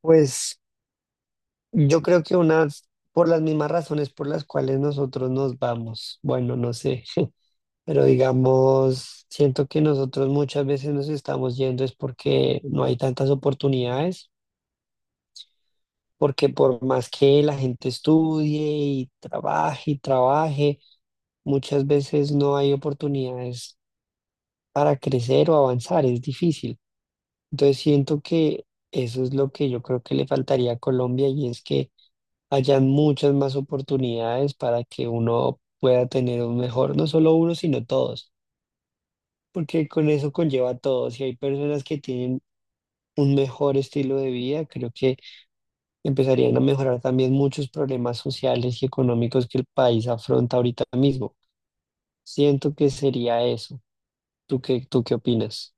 Pues yo creo que unas, por las mismas razones por las cuales nosotros nos vamos, bueno, no sé, pero digamos, siento que nosotros muchas veces nos estamos yendo es porque no hay tantas oportunidades, porque por más que la gente estudie y trabaje, muchas veces no hay oportunidades para crecer o avanzar, es difícil. Entonces siento que eso es lo que yo creo que le faltaría a Colombia y es que hayan muchas más oportunidades para que uno pueda tener un mejor, no solo uno, sino todos, porque con eso conlleva a todos. Si hay personas que tienen un mejor estilo de vida, creo que empezarían a mejorar también muchos problemas sociales y económicos que el país afronta ahorita mismo. Siento que sería eso. ¿Tú qué opinas?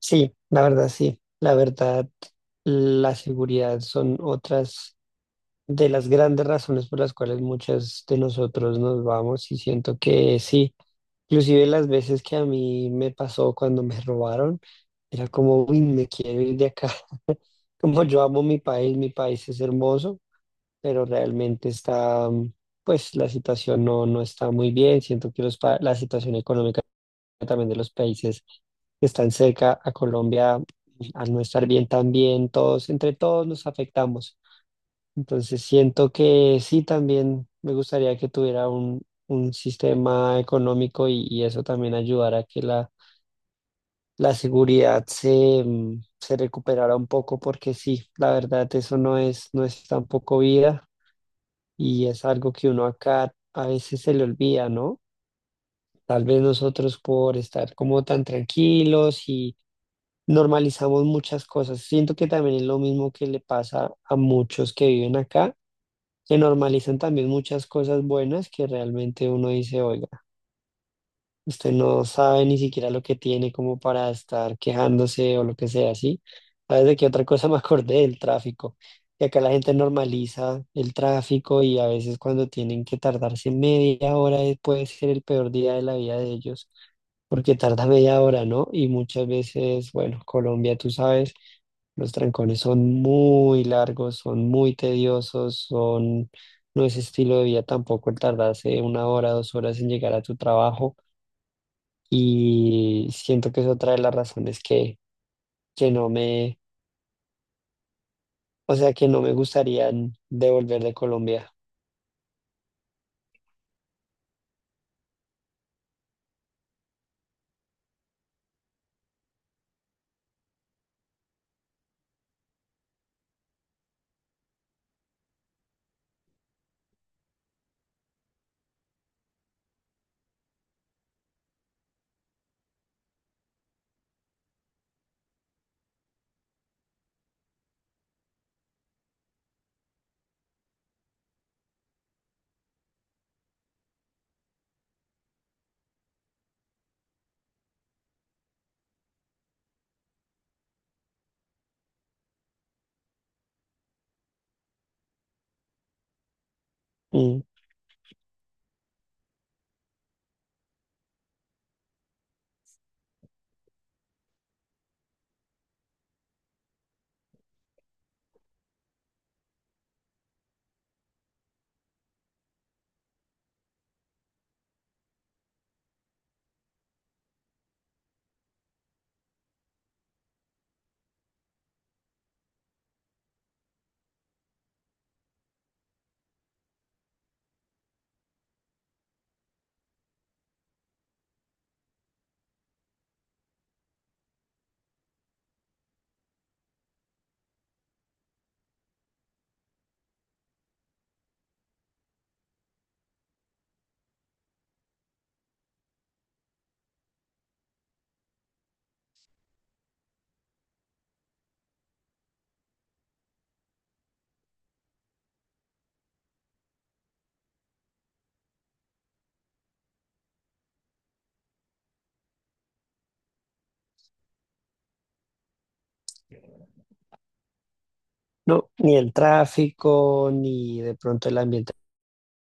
Sí. La verdad, la seguridad son otras. De las grandes razones por las cuales muchas de nosotros nos vamos, y siento que sí, inclusive las veces que a mí me pasó cuando me robaron, era como, uy, me quiero ir de acá. Como yo amo mi país es hermoso, pero realmente está, pues la situación no está muy bien. Siento que la situación económica también de los países que están cerca a Colombia, al no estar bien también, todos, entre todos nos afectamos. Entonces siento que sí, también me gustaría que tuviera un sistema económico, y eso también ayudara a que la seguridad se, se recuperara un poco, porque sí, la verdad eso no es tampoco vida, y es algo que uno acá a veces se le olvida, ¿no? Tal vez nosotros por estar como tan tranquilos y normalizamos muchas cosas. Siento que también es lo mismo que le pasa a muchos que viven acá, se normalizan también muchas cosas buenas que realmente uno dice, oiga, usted no sabe ni siquiera lo que tiene como para estar quejándose o lo que sea, ¿sí? ¿Sabes de qué otra cosa me acordé? Del tráfico. Y acá la gente normaliza el tráfico, y a veces cuando tienen que tardarse media hora puede ser el peor día de la vida de ellos porque tarda media hora, ¿no? Y muchas veces, bueno, Colombia, tú sabes, los trancones son muy largos, son muy tediosos, son, no es estilo de vida tampoco el tardarse una hora, dos horas en llegar a tu trabajo. Y siento que es otra de las razones que no que no me gustaría devolver de Colombia. Mm. No, ni el tráfico, ni de pronto el ambiente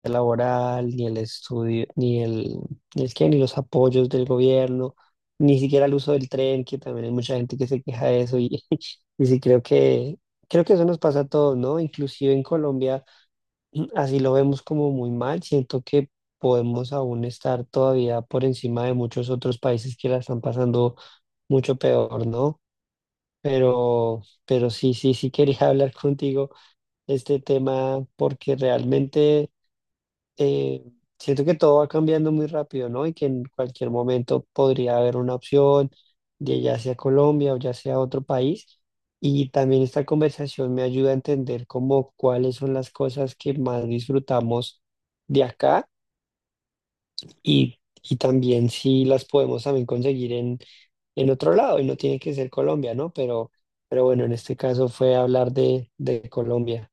laboral, ni el estudio, ni el qué, ni los apoyos del gobierno, ni siquiera el uso del tren, que también hay mucha gente que se queja de eso, y y sí creo que eso nos pasa a todos, ¿no? Inclusive en Colombia así lo vemos como muy mal, siento que podemos aún estar todavía por encima de muchos otros países que la están pasando mucho peor, ¿no? Pero, pero sí, quería hablar contigo este tema, porque realmente eh, siento que todo va cambiando muy rápido, ¿no? Y que en cualquier momento podría haber una opción de ya sea Colombia o ya sea otro país. Y también esta conversación me ayuda a entender como cuáles son las cosas que más disfrutamos de acá, y también si las podemos también conseguir en otro lado. Y no tiene que ser Colombia, ¿no? Pero bueno, en este caso fue hablar de Colombia.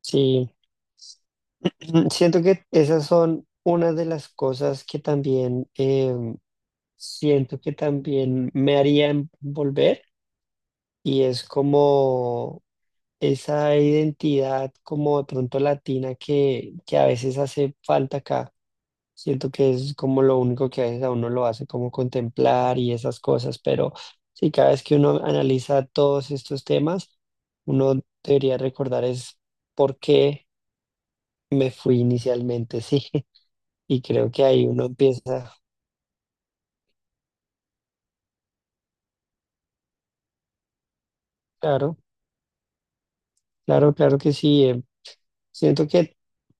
Sí. Mm, siento que esas son una de las cosas que también siento que también me harían volver, y es como esa identidad como de pronto latina que a veces hace falta acá. Siento que es como lo único que a veces a uno lo hace como contemplar y esas cosas, pero sí, cada vez que uno analiza todos estos temas, uno debería recordar es por qué me fui inicialmente. Sí. Y creo que ahí uno empieza, claro, claro, claro que sí. Siento que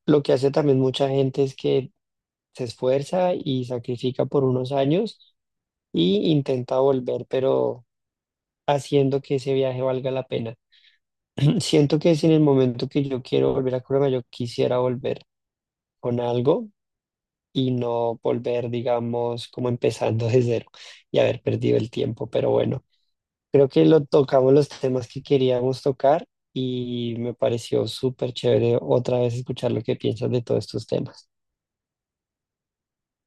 lo que hace también mucha gente es que se esfuerza y sacrifica por unos años y intenta volver, pero haciendo que ese viaje valga la pena. Siento que si en el momento que yo quiero volver a Colombia, yo quisiera volver con algo y no volver, digamos, como empezando de cero y haber perdido el tiempo, pero bueno. Creo que lo tocamos los temas que queríamos tocar, y me pareció súper chévere otra vez escuchar lo que piensas de todos estos temas.